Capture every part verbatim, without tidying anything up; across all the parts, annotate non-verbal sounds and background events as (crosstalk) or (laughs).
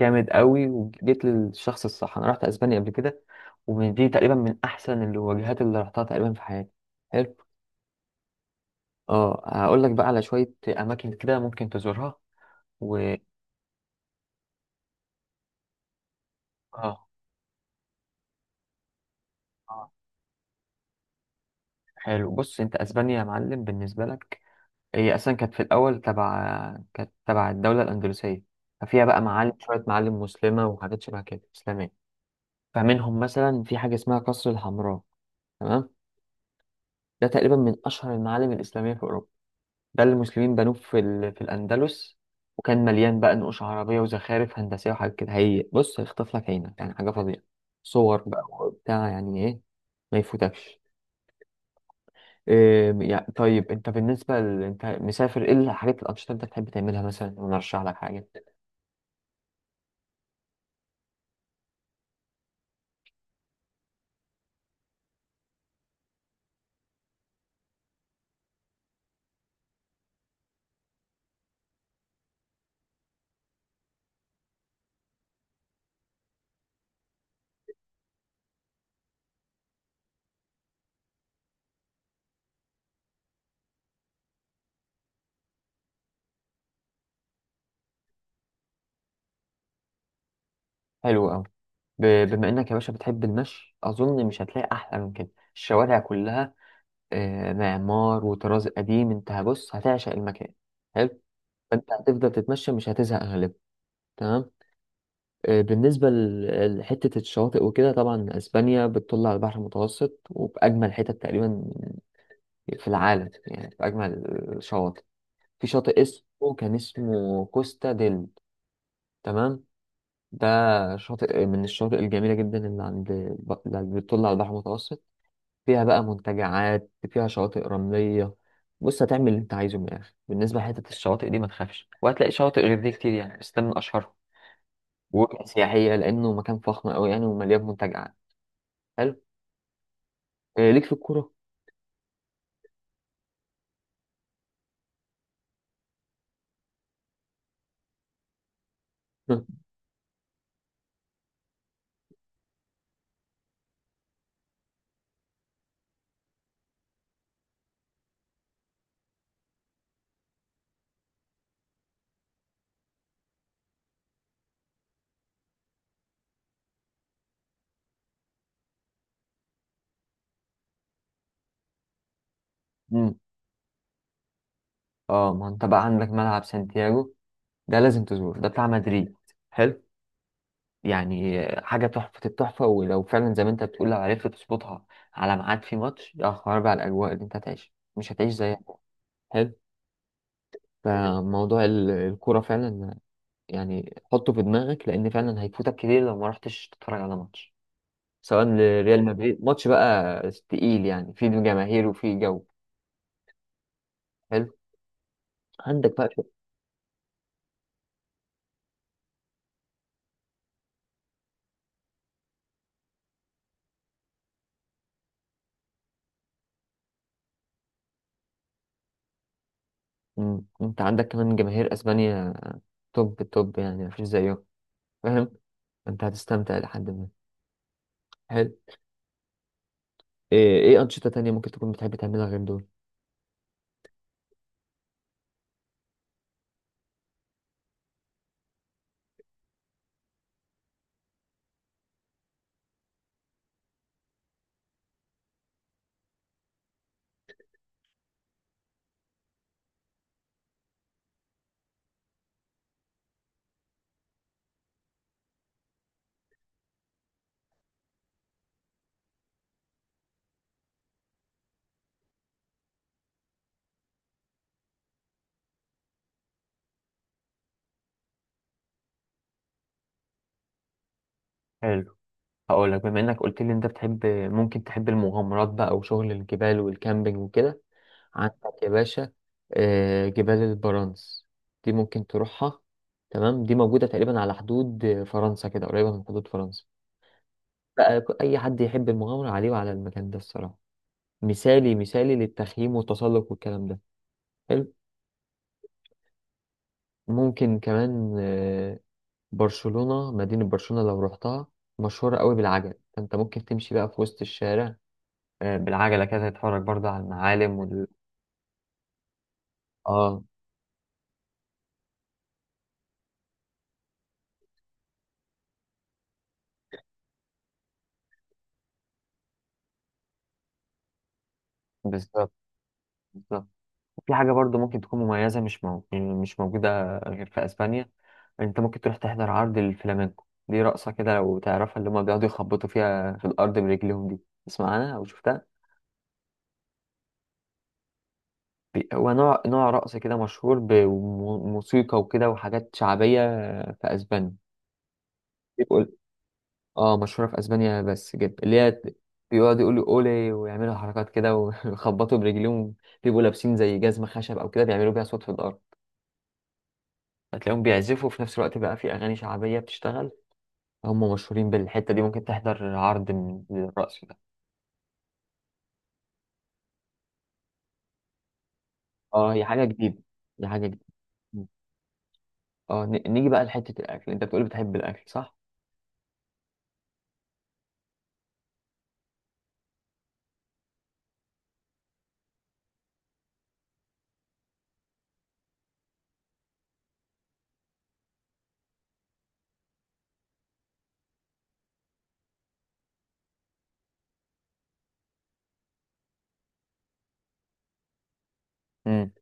جامد قوي، وجيت للشخص الصح. انا رحت اسبانيا قبل كده، ومن دي تقريبا من احسن الوجهات اللي رحتها تقريبا في حياتي. حلو. اه هقول لك بقى على شويه اماكن كده ممكن تزورها. و اه آه. حلو، بص انت اسبانيا يا معلم بالنسبه لك، هي اصلا كانت في الاول تبع كانت تبع الدوله الاندلسيه. ففيها بقى معالم شويه معالم مسلمه وحاجات شبه كده اسلاميه. فمنهم مثلا في حاجه اسمها قصر الحمراء. تمام. ده تقريبا من اشهر المعالم الاسلاميه في اوروبا، ده اللي المسلمين بنوه في ال... في الأندلس. وكان مليان بقى نقوش عربية وزخارف هندسية وحاجات كده. هي بص هيخطف لك عينك، يعني حاجة فظيعة. صور بقى وبتاع، يعني إيه. ما يفوتكش. إيه يعني، طيب أنت بالنسبة ل... أنت مسافر إيه؟ الحاجات الأنشطة اللي أنت بتحب تعملها مثلا ونرشح لك حاجة. حلو أوي. ب... بما إنك يا باشا بتحب المشي، أظن مش هتلاقي أحلى من كده. الشوارع كلها إيه، معمار وطراز قديم. أنت بص هتعشق المكان. حلو. فأنت هتفضل تتمشى مش هتزهق غالبا. تمام. آه، بالنسبة ل- لحتة الشواطئ وكده، طبعا أسبانيا بتطل على البحر المتوسط وبأجمل حتت تقريبا في العالم، يعني بأجمل الشواطئ. في شاطئ اسمه كان اسمه كوستا ديل. تمام. ده شاطئ من الشواطئ الجميلة جدا اللي عند، اللي بتطل على البحر المتوسط. فيها بقى منتجعات، فيها شواطئ رملية. بص هتعمل اللي أنت عايزه من الآخر. بالنسبة لحتة الشواطئ دي ما تخافش، وهتلاقي شواطئ غير دي كتير يعني، بس ده من أشهرهم وسياحية لأنه مكان فخم أوي يعني ومليان منتجعات. حلو. إيه ليك في الكورة؟ (laughs) مم. اه ما انت بقى عندك ملعب سانتياغو، ده لازم تزوره، ده بتاع مدريد. حلو، يعني حاجة تحفة التحفة. ولو فعلا زي ما انت بتقول لو عرفت تظبطها على ميعاد في ماتش، يا خرابي بقى على الأجواء اللي انت هتعيشها، مش هتعيش زيها. حلو. فموضوع ال- الكورة فعلا يعني حطه في دماغك، لأن فعلا هيفوتك كتير لو ما رحتش تتفرج على ماتش، سواء لريال مدريد. ماتش بقى تقيل يعني، فيه جماهير وفيه جو. حلو. عندك بقى. مم. انت عندك كمان جماهير اسبانيا توب التوب يعني، مفيش زيهم. فاهم، انت هتستمتع لحد ما. حلو. ايه ايه انشطة تانية ممكن تكون بتحب تعملها غير دول؟ حلو. هقول لك، بما انك قلت لي انت بتحب ممكن تحب المغامرات بقى وشغل الجبال والكامبينج وكده. عندك يا باشا آه، جبال البرانس، دي ممكن تروحها. تمام، دي موجودة تقريبا على حدود آه، فرنسا، كده قريبة من حدود فرنسا بقى. ك- اي حد يحب المغامرة عليه وعلى المكان ده الصراحة. مثالي مثالي للتخييم والتسلق والكلام ده. حلو. ممكن كمان آه، برشلونة. مدينة برشلونة لو رحتها مشهورة قوي بالعجل، فانت ممكن تمشي بقى في وسط الشارع آه، بالعجلة كده، تتفرج برضه على المعالم وال... اه بالظبط، بالظبط. في حاجة برضه ممكن تكون مميزة، مش مو... يعني مش موجودة غير في اسبانيا. انت ممكن تروح تحضر عرض الفلامينكو، دي رقصة كده لو تعرفها اللي هما بيقعدوا يخبطوا فيها في الأرض برجليهم دي. تسمع عنها أو شفتها؟ بي- هو نوع نوع رقص كده مشهور بموسيقى وكده وحاجات شعبية آه، في أسبانيا. يقول. اه مشهورة في اسبانيا بس جدا، اللي هي بيقعدوا يقولوا اولي ويعملوا حركات كده ويخبطوا (laughs) برجليهم. بيبقوا لابسين زي جزمة خشب او كده، بيعملوا بيها صوت في الارض. هتلاقيهم بيعزفوا في نفس الوقت بقى، في اغاني شعبية بتشتغل. هم مشهورين بالحتة دي، ممكن تحضر عرض من الرقص ده. اه هي حاجة جديدة. دي حاجة جديدة. اه ن- نيجي بقى لحتة الاكل. انت بتقول بتحب الاكل، صح؟ مم.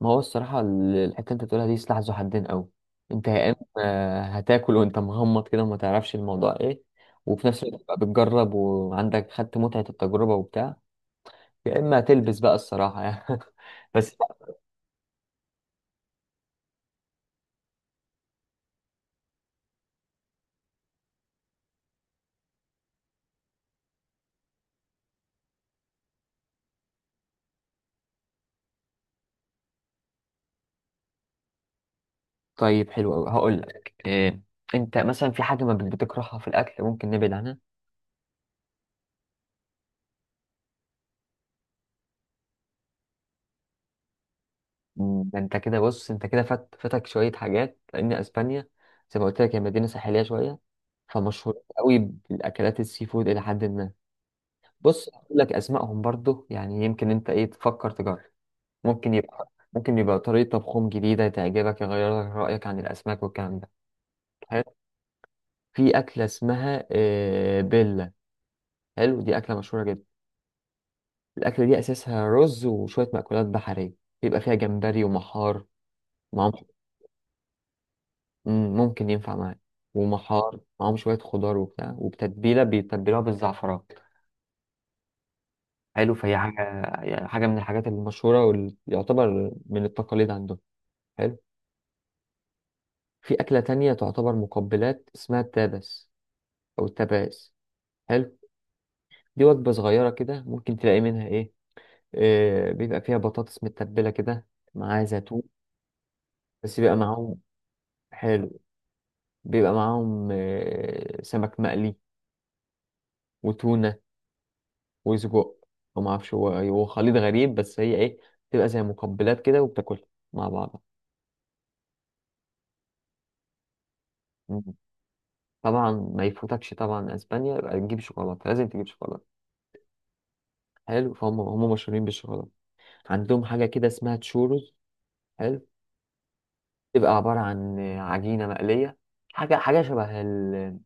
ما هو الصراحة ال- الحتة اللي انت بتقولها دي سلاح ذو حدين قوي. انت يا اما آه، هتاكل وانت مغمض كده وما تعرفش الموضوع ايه، وفي نفس الوقت بقى بتجرب وعندك خدت متعة التجربة وبتاع. يا اما هتلبس بقى الصراحة يعني (laughs) بس. طيب حلو قوي، هقول لك إيه. انت مثلا في حاجة ما بت- بتكرهها في الاكل ممكن نبعد عنها؟ مم، ده انت كده بص. انت كده فات فاتك شوية حاجات لان اسبانيا زي ما قلت لك هي مدينة ساحلية شوية، فمشهور قوي بالاكلات السي فود الى حد ما. بص هقول لك اسمائهم برضو، يعني يمكن انت ايه تفكر تجرب. ممكن يبقى ممكن يبقى طريقه طبخهم جديده تعجبك، يغير لك رايك عن الاسماك والكلام ده. حلو. في اكله اسمها آه، بيلا. حلو، دي اكله مشهوره جدا. الاكله دي اساسها رز وشويه مأكولات بحريه، بيبقى فيها جمبري ومحار معاهم. مم، ممكن ينفع معاك. ومحار معاهم شويه خضار وبتاع، وبتتبيله بيتبلوها بالزعفران. حلو، فهي حاجه، يعني حاجه من الحاجات المشهوره واللي يعتبر من التقاليد عندهم. حلو. في أكلة تانية تعتبر مقبلات اسمها التابس أو التباس. حلو، دي وجبة صغيرة كده ممكن تلاقي منها إيه. آه بيبقى فيها بطاطس متبلة كده معاها زيتون. بس بيبقى معاهم. حلو. بيبقى معاهم آه سمك مقلي وتونة وسجق. وما أعرفش، هو هو خليط غريب بس هي إيه، بتبقى زي مقبلات كده وبتاكلها مع بعض. مم. طبعا ما يفوتكش، طبعا اسبانيا يبقى تجيب شوكولاته، لازم تجيب شوكولاته. حلو، فهم هم مشهورين بالشوكولاته. عندهم حاجه كده اسمها تشورز. حلو، تبقى عبارة عن عجينة مقلية. حاجة حاجة شبه ال...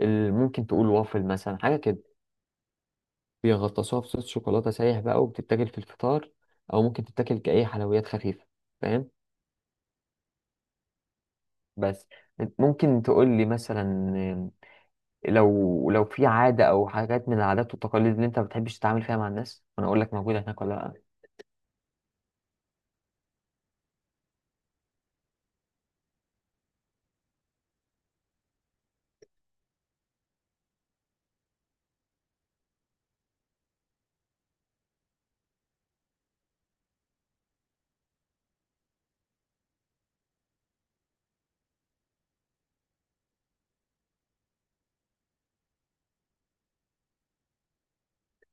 ال... ممكن تقول وافل مثلا، حاجة كده. بيغطسوها بصوص شوكولاتة سايح بقى، وبتتاكل في الفطار، أو ممكن تتاكل كأي حلويات خفيفة. فاهم. بس. ممكن تقول لي مثلا لو لو في عادة أو حاجات من العادات والتقاليد اللي أنت ما بتحبش تتعامل فيها مع الناس، وأنا أقول لك موجودة هناك ولا لأ؟